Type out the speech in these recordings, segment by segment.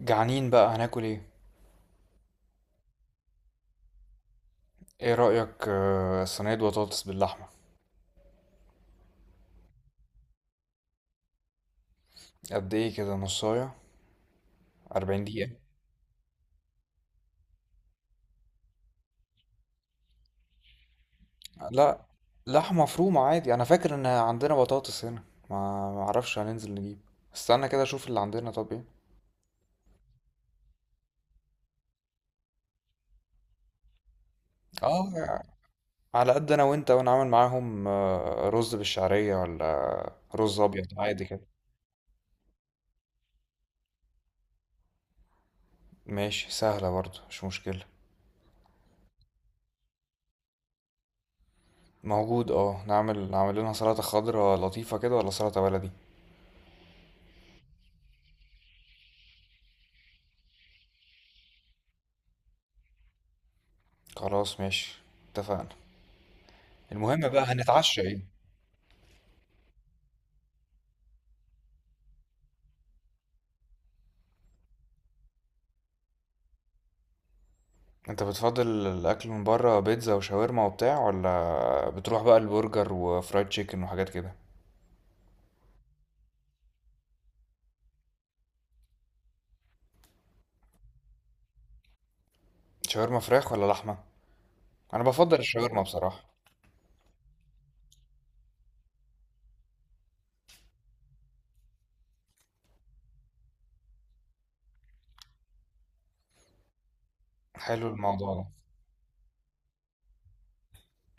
جعانين بقى، هناكل ايه؟ ايه رأيك؟ صينية بطاطس باللحمة. قد ايه كده نصاية؟ 40 دقيقة. لا. لحمة مفرومة عادي، انا فاكر ان عندنا بطاطس هنا. ما اعرفش، هننزل نجيب. استنى كده اشوف اللي عندنا. طب ايه؟ اه. على قد انا وانت، وانا عامل معاهم رز بالشعرية ولا رز ابيض عادي كده؟ ماشي سهلة برضه، مش مشكلة. موجود، اه. نعمل لنا سلطة خضراء لطيفة كده ولا سلطة بلدي؟ خلاص ماشي. اتفقنا. المهم بقى، هنتعشى ايه؟ انت بتفضل الاكل من بره، بيتزا وشاورما وبتاع، ولا بتروح بقى البرجر وفرايد تشيكن وحاجات كده؟ شاورما فراخ ولا لحمه؟ انا بفضل الشاورما بصراحه. حلو الموضوع ده.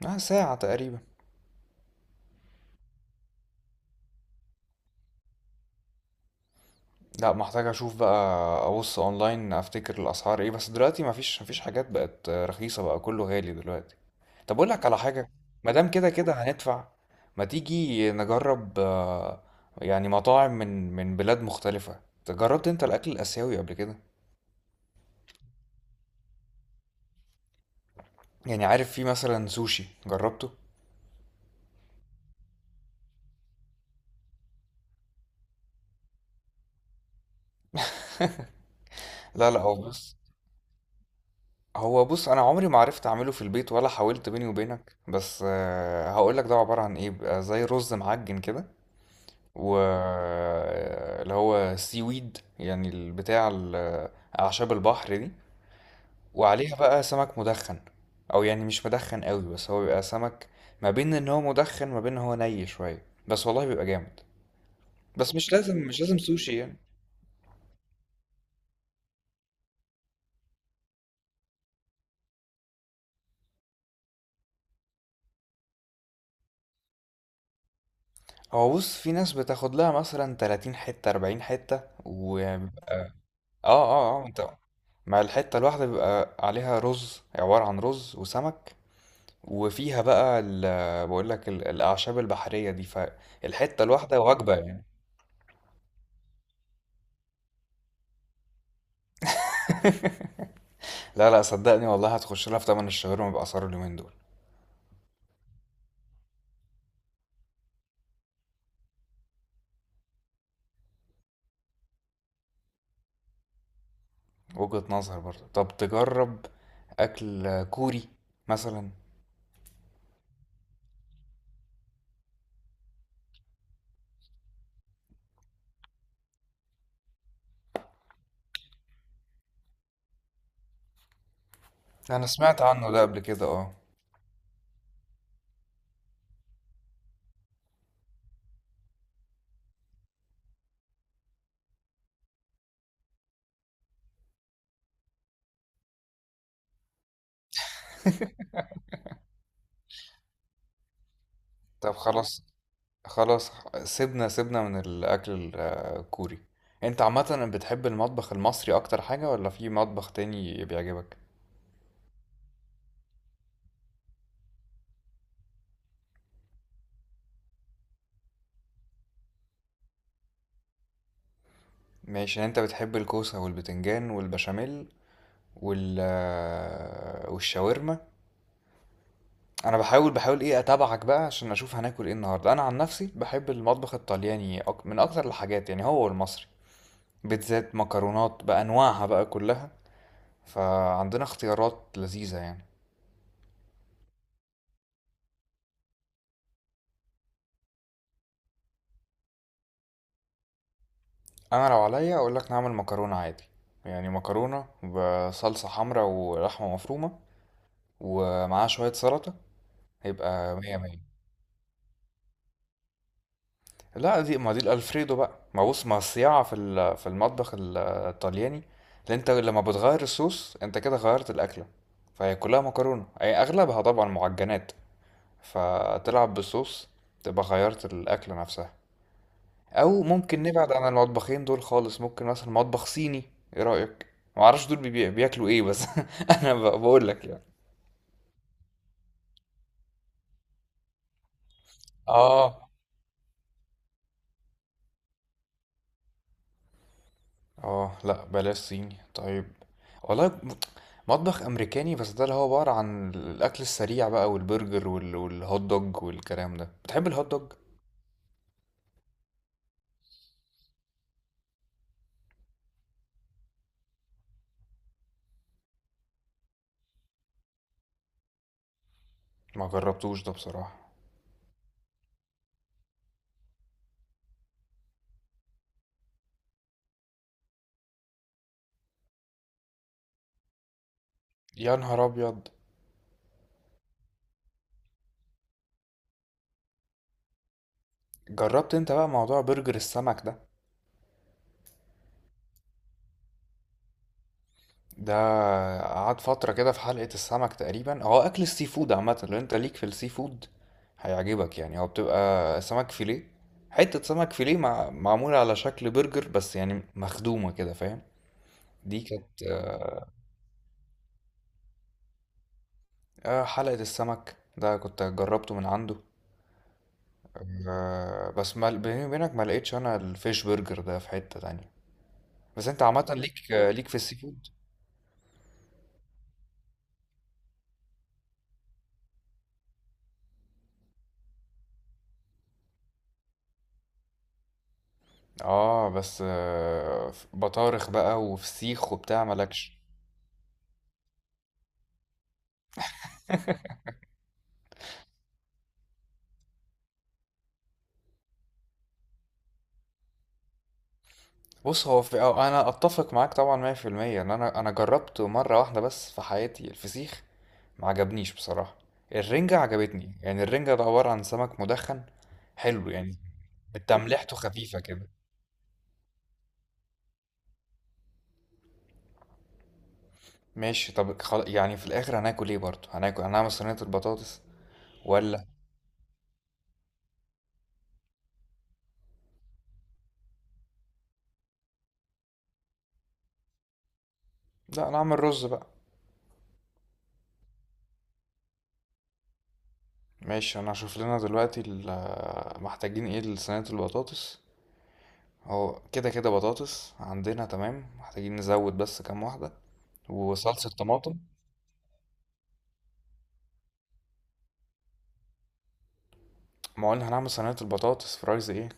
اه، ساعه تقريبا. لا، محتاج اشوف بقى. ابص اونلاين افتكر الاسعار ايه، بس دلوقتي مفيش حاجات بقت رخيصه، بقى كله غالي دلوقتي. طب اقول لك على حاجه. ما دام كده كده هندفع. ما تيجي نجرب يعني مطاعم من بلاد مختلفه. جربت انت الاكل الاسيوي قبل كده؟ يعني عارف، في مثلا سوشي، جربته؟ لا لا، هو بص، انا عمري ما عرفت اعمله في البيت ولا حاولت بيني وبينك، بس هقول لك ده عباره عن ايه. بيبقى زي رز معجن كده، و اللي هو سي ويد يعني البتاع اعشاب البحر دي، وعليها بقى سمك مدخن. او يعني مش مدخن قوي، بس هو بيبقى سمك ما بين ان هو مدخن ما بين ان هو ني شويه، بس والله بيبقى جامد. بس مش لازم سوشي يعني. هو بص، في ناس بتاخد لها مثلا 30 حته 40 حته. و اه اه، اه، انت مع الحته الواحده بيبقى عليها رز، عباره عن رز وسمك. وفيها بقى بقول لك الاعشاب البحريه دي، فالحته الواحده وجبه يعني. لا لا، صدقني والله هتخش لها في تمن الشاورما باسعار اليومين دول. وجهة نظر برضه، طب تجرب أكل كوري مثلا. أنا سمعت عنه ده قبل كده، اه. طب خلاص. خلاص. سيبنا من الأكل الكوري. أنت عامة بتحب المطبخ المصري أكتر حاجة، ولا في مطبخ تاني بيعجبك؟ ماشي، يعني أنت بتحب الكوسة والبتنجان والبشاميل والشاورما. أنا بحاول إيه أتابعك بقى عشان أشوف هناكل إيه النهاردة. أنا عن نفسي بحب المطبخ الطلياني، من أكتر الحاجات يعني هو المصري. بيتزات، مكرونات بأنواعها بقى كلها. فعندنا اختيارات لذيذة يعني. أنا لو عليا أقول لك نعمل مكرونة عادي، يعني مكرونة بصلصة حمراء ولحمة مفرومة، ومعاها شوية سلطة. هيبقى مية مية. لا دي، ما دي الألفريدو بقى، ما بص، ما الصياعة في في المطبخ الطلياني اللي انت لما بتغير الصوص انت كده غيرت الأكلة. فهي كلها مكرونة، أي أغلبها طبعا معجنات، فتلعب بالصوص تبقى غيرت الأكلة نفسها. او ممكن نبعد عن المطبخين دول خالص، ممكن مثلا مطبخ صيني. ايه رأيك؟ ما اعرفش دول بياكلوا ايه بس انا بقول لك يعني. اه، اه، لا بلاش صيني طيب. والله مطبخ امريكاني، بس ده اللي هو عبارة عن الاكل السريع بقى، والبرجر والهوت دوج والكلام ده. بتحب الهوت دوج؟ ما جربتوش ده بصراحة. يا نهار ابيض. جربت انت بقى موضوع برجر السمك ده؟ ده قعد فترة كده في حلقة السمك تقريبا. هو أكل السي فود عامة، لو أنت ليك في السي فود هيعجبك. يعني هو بتبقى سمك فيليه، حتة سمك فيليه معمولة على شكل برجر، بس يعني مخدومة كده فاهم؟ دي كانت حلقة السمك ده كنت جربته من عنده. بس ما... بيني وبينك ما لقيتش أنا الفيش برجر ده في حتة تانية. بس انت عامة ليك ليك في السي فود. اه بس في بطارخ بقى وفسيخ وبتاع مالكش. بص، هو في، أو انا اتفق معاك طبعا 100%، ان انا جربته مره واحده بس في حياتي الفسيخ، ما عجبنيش بصراحه. الرنجه عجبتني، يعني الرنجه ده عباره عن سمك مدخن، حلو يعني، تملحته خفيفه كده. ماشي، طب يعني في الاخر هناكل ايه؟ برضه هناكل، هنعمل صينيه البطاطس ولا؟ لا، نعمل رز بقى. ماشي، انا هشوف لنا دلوقتي محتاجين ايه لصينيه البطاطس. هو كده كده بطاطس عندنا، تمام. محتاجين نزود بس كام واحده، وصلصه طماطم. ما قلنا هنعمل صينية البطاطس فرايز ايه.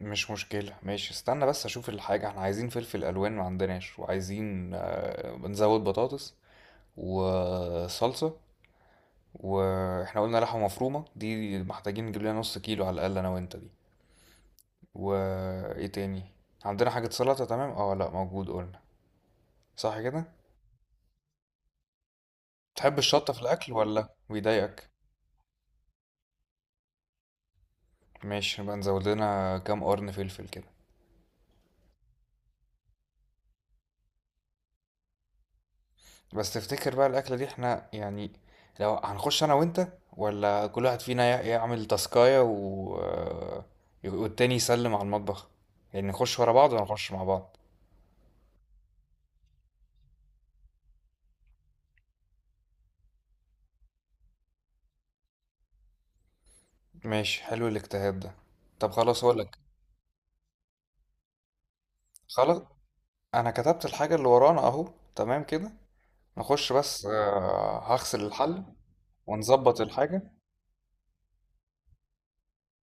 مش مشكلة ماشي. استنى بس اشوف الحاجة. احنا عايزين فلفل الوان ما عندناش، وعايزين نزود بطاطس وصلصة. واحنا قلنا لحمة مفرومة دي، محتاجين نجيب لنا نص كيلو على الاقل انا وانت دي. وايه تاني؟ عندنا حاجة سلطة؟ تمام، اه، لا موجود قلنا. صح كده. تحب الشطة في الاكل ولا بيضايقك؟ ماشي، نبقى نزود لنا كام قرن فلفل كده. بس تفتكر بقى الأكلة دي احنا يعني، لو هنخش أنا وأنت، ولا كل واحد فينا يعمل تاسكاية و... آه، والتاني يسلم على المطبخ؟ يعني نخش ورا بعض ولا نخش مع بعض؟ ماشي، حلو الاجتهاد ده. طب خلاص هقولك. خلاص. أنا كتبت الحاجة اللي ورانا أهو. تمام كده. نخش بس هغسل الحل ونظبط الحاجة.